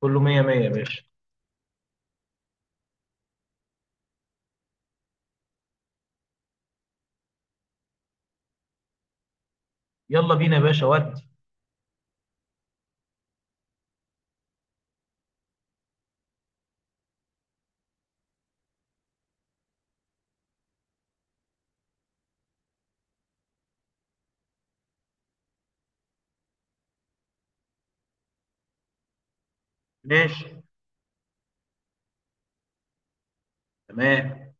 كله مية مية يا باشا. يلا بينا يا باشا ودي. ماشي. تمام.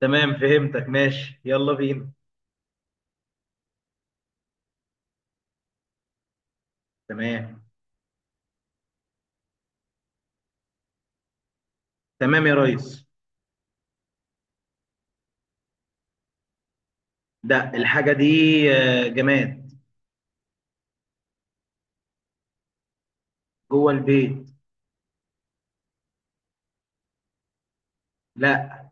تمام فهمتك، ماشي يلا بينا. تمام، تمام يا ريس. الحاجة دي آه، جماد. جوه البيت. لا.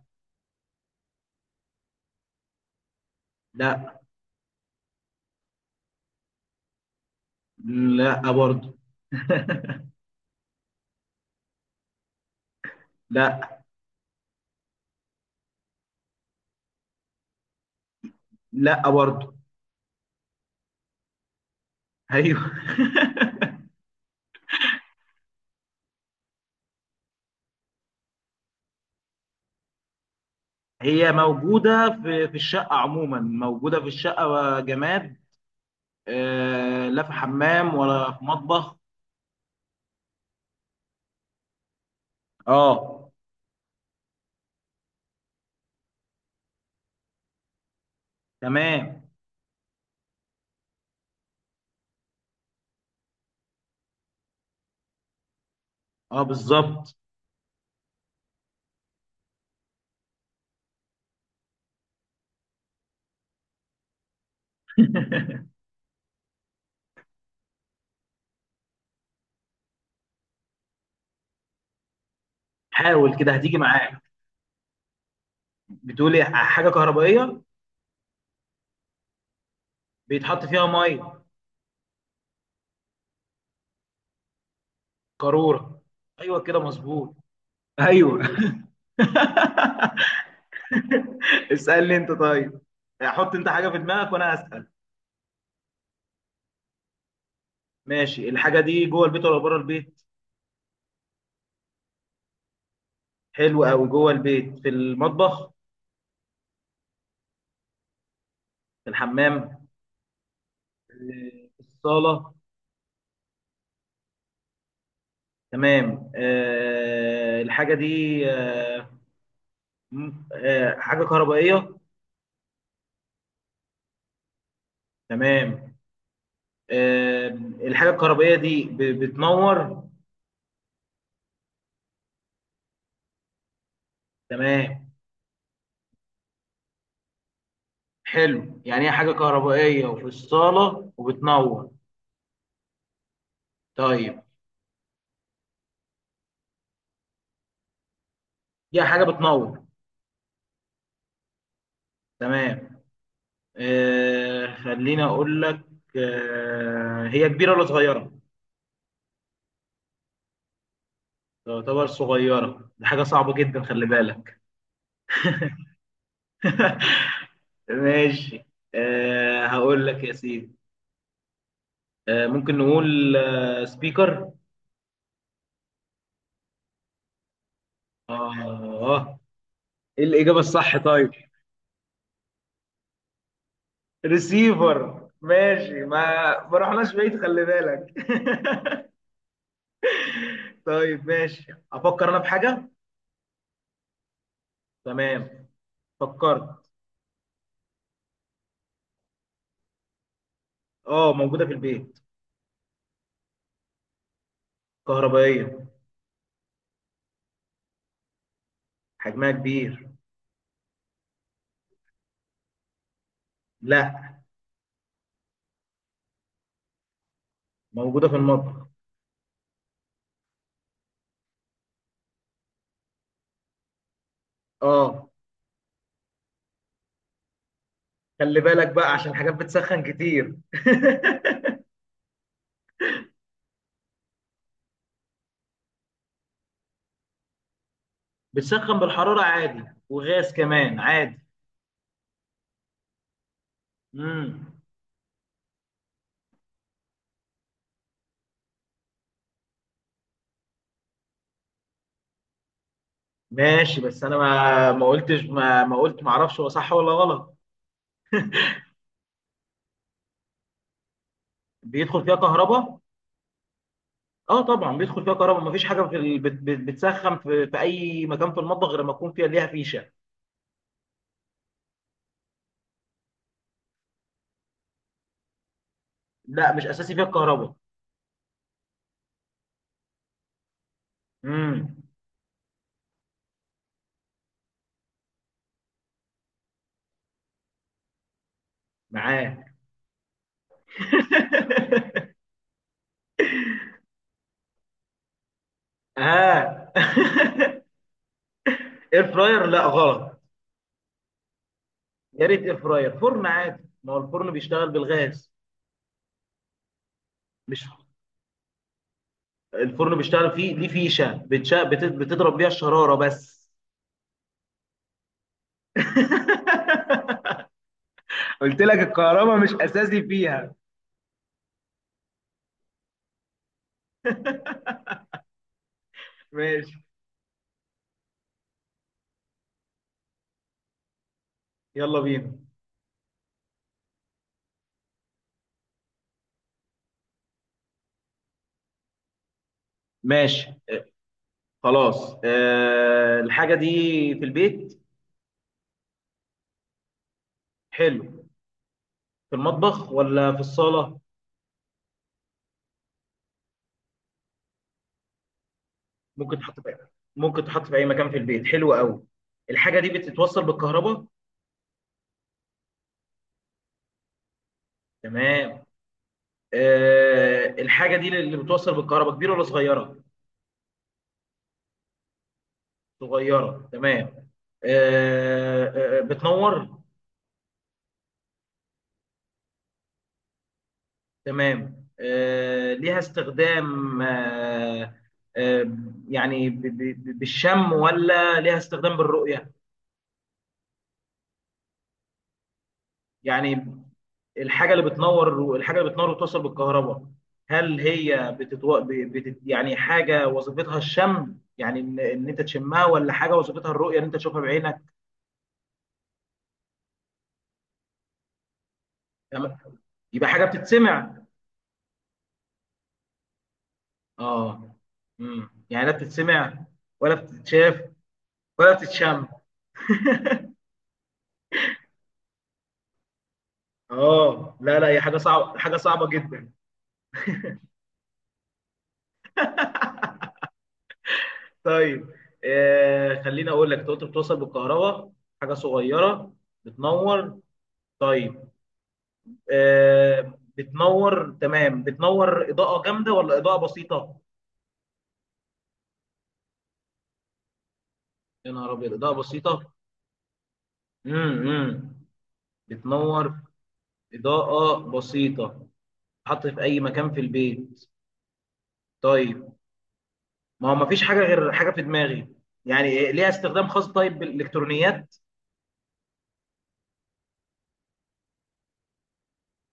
لا. لا برضه. لا. لا برضه. ايوه. هي موجودة في الشقة، عموما موجودة في الشقة جماد. آه، لا في حمام ولا في مطبخ. اه. تمام. اه بالظبط. حاول كده هتيجي معاك. بتقولي حاجه كهربائيه؟ بيتحط فيها ميه. قاروره. ايوه كده مظبوط. ايوه. اسالني انت طيب، حط انت حاجه في دماغك وانا اسال. ماشي، الحاجه دي جوه البيت ولا بره البيت؟ حلو قوي. جوه البيت في المطبخ؟ في الحمام؟ في الصاله. تمام، أه الحاجه دي أه حاجه كهربائيه. تمام. أه الحاجه الكهربائيه دي بتنور. تمام. حلو، يعني هي حاجة كهربائية وفي الصالة وبتنور. طيب. دي حاجة بتنور. تمام. آه خليني أقول لك. آه، هي كبيرة ولا صغيرة؟ تعتبر صغيرة؟ دي حاجة صعبة جدا، خلي بالك. ماشي. آه هقول لك يا سيدي. ممكن نقول آه سبيكر. اه آه. ايه الإجابة الصح طيب؟ ريسيفر؟ ماشي. ما رحناش بعيد، خلي بالك. طيب ماشي، افكر انا بحاجه. تمام. فكرت. اه موجوده في البيت. كهربائيه. حجمها كبير. لا. موجوده في المطبخ. اه خلي بالك بقى عشان حاجات بتسخن كتير. بتسخن بالحراره عادي وغاز كمان عادي. امم. ماشي، بس انا ما قلتش، ما قلت ما اعرفش هو صح ولا غلط. بيدخل فيها كهرباء. اه طبعا بيدخل فيها كهرباء، مفيش حاجه في بتسخن في اي مكان في المطبخ غير ما يكون فيها ليها فيشه. لا مش اساسي فيها الكهرباء. امم. معاه. اه. اير فراير؟ لا غلط. يا ريت اير فراير، فرن عادي. ما هو الفرن بيشتغل بالغاز. مش الفرن بيشتغل فيه ليه فيشه بتضرب بيها الشراره بس. قلت لك الكهرباء مش اساسي فيها. ماشي يلا بينا. ماشي. خلاص آه الحاجه دي في البيت. حلو. في المطبخ ولا في الصاله؟ ممكن تحط في، ممكن تحط في اي مكان في البيت. حلو قوي. الحاجه دي بتتوصل بالكهرباء؟ تمام. آه الحاجه دي اللي بتوصل بالكهرباء كبيره ولا صغيره؟ صغيره؟ تمام. آه بتنور. تمام. آه ليها استخدام آه، آه يعني بالشم ولا ليها استخدام بالرؤيه؟ يعني الحاجه اللي بتنور، الحاجه اللي بتنور وتوصل بالكهرباء هل هي يعني حاجه وظيفتها الشم، يعني ان انت تشمها، ولا حاجه وظيفتها الرؤيه ان انت تشوفها بعينك؟ يعني يبقى حاجه بتتسمع؟ اه. امم، يعني لا بتتسمع ولا بتتشاف ولا بتتشم. اه لا لا، هي حاجه صعبه، حاجه صعبه جدا. طيب، آه خليني اقول لك. انت قلت بتوصل بالكهرباء، حاجه صغيره، بتنور. طيب، آه، بتنور تمام. بتنور اضاءه جامده ولا اضاءه بسيطه؟ يا نهار ابيض اضاءه بسيطه. امم. بتنور اضاءه بسيطه، حط في اي مكان في البيت. طيب، ما هو ما فيش حاجه غير حاجه في دماغي. يعني إيه، ليها استخدام خاص طيب بالالكترونيات؟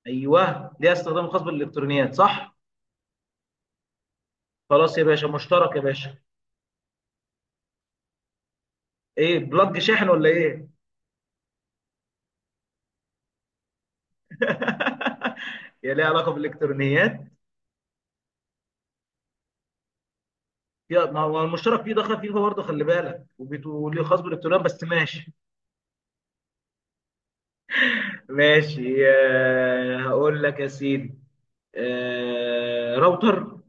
ايوه ليها استخدام خاص بالالكترونيات، صح؟ خلاص يا باشا، مشترك يا باشا. ايه، بلج شاحن ولا ايه؟ يا ليها علاقه بالالكترونيات، يا ما هو المشترك فيه دخل فيفا برضه خلي بالك، وليه خاص بالالكترونيات بس، ماشي. ماشي آه، هقول لك يا سيدي. آه، راوتر.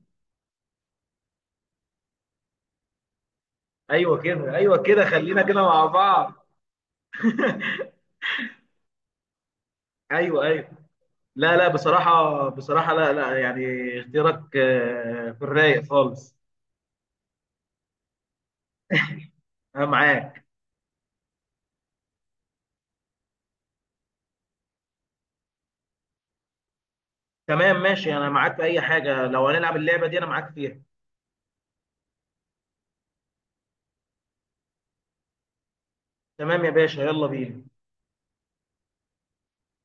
ايوه كده، ايوه كده، خلينا كده مع بعض. ايوه ايوه. لا لا بصراحه، بصراحه لا لا يعني. اختيارك آه، في الرايق خالص. انا معاك. تمام ماشي، انا معاك في اي حاجه. لو هنلعب اللعبه دي انا معاك فيها. تمام يا باشا يلا بينا.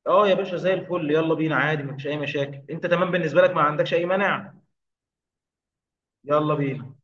اه يا باشا زي الفل، يلا بينا عادي مفيش اي مشاكل. انت تمام؟ بالنسبه لك ما عندكش اي مانع؟ يلا بينا.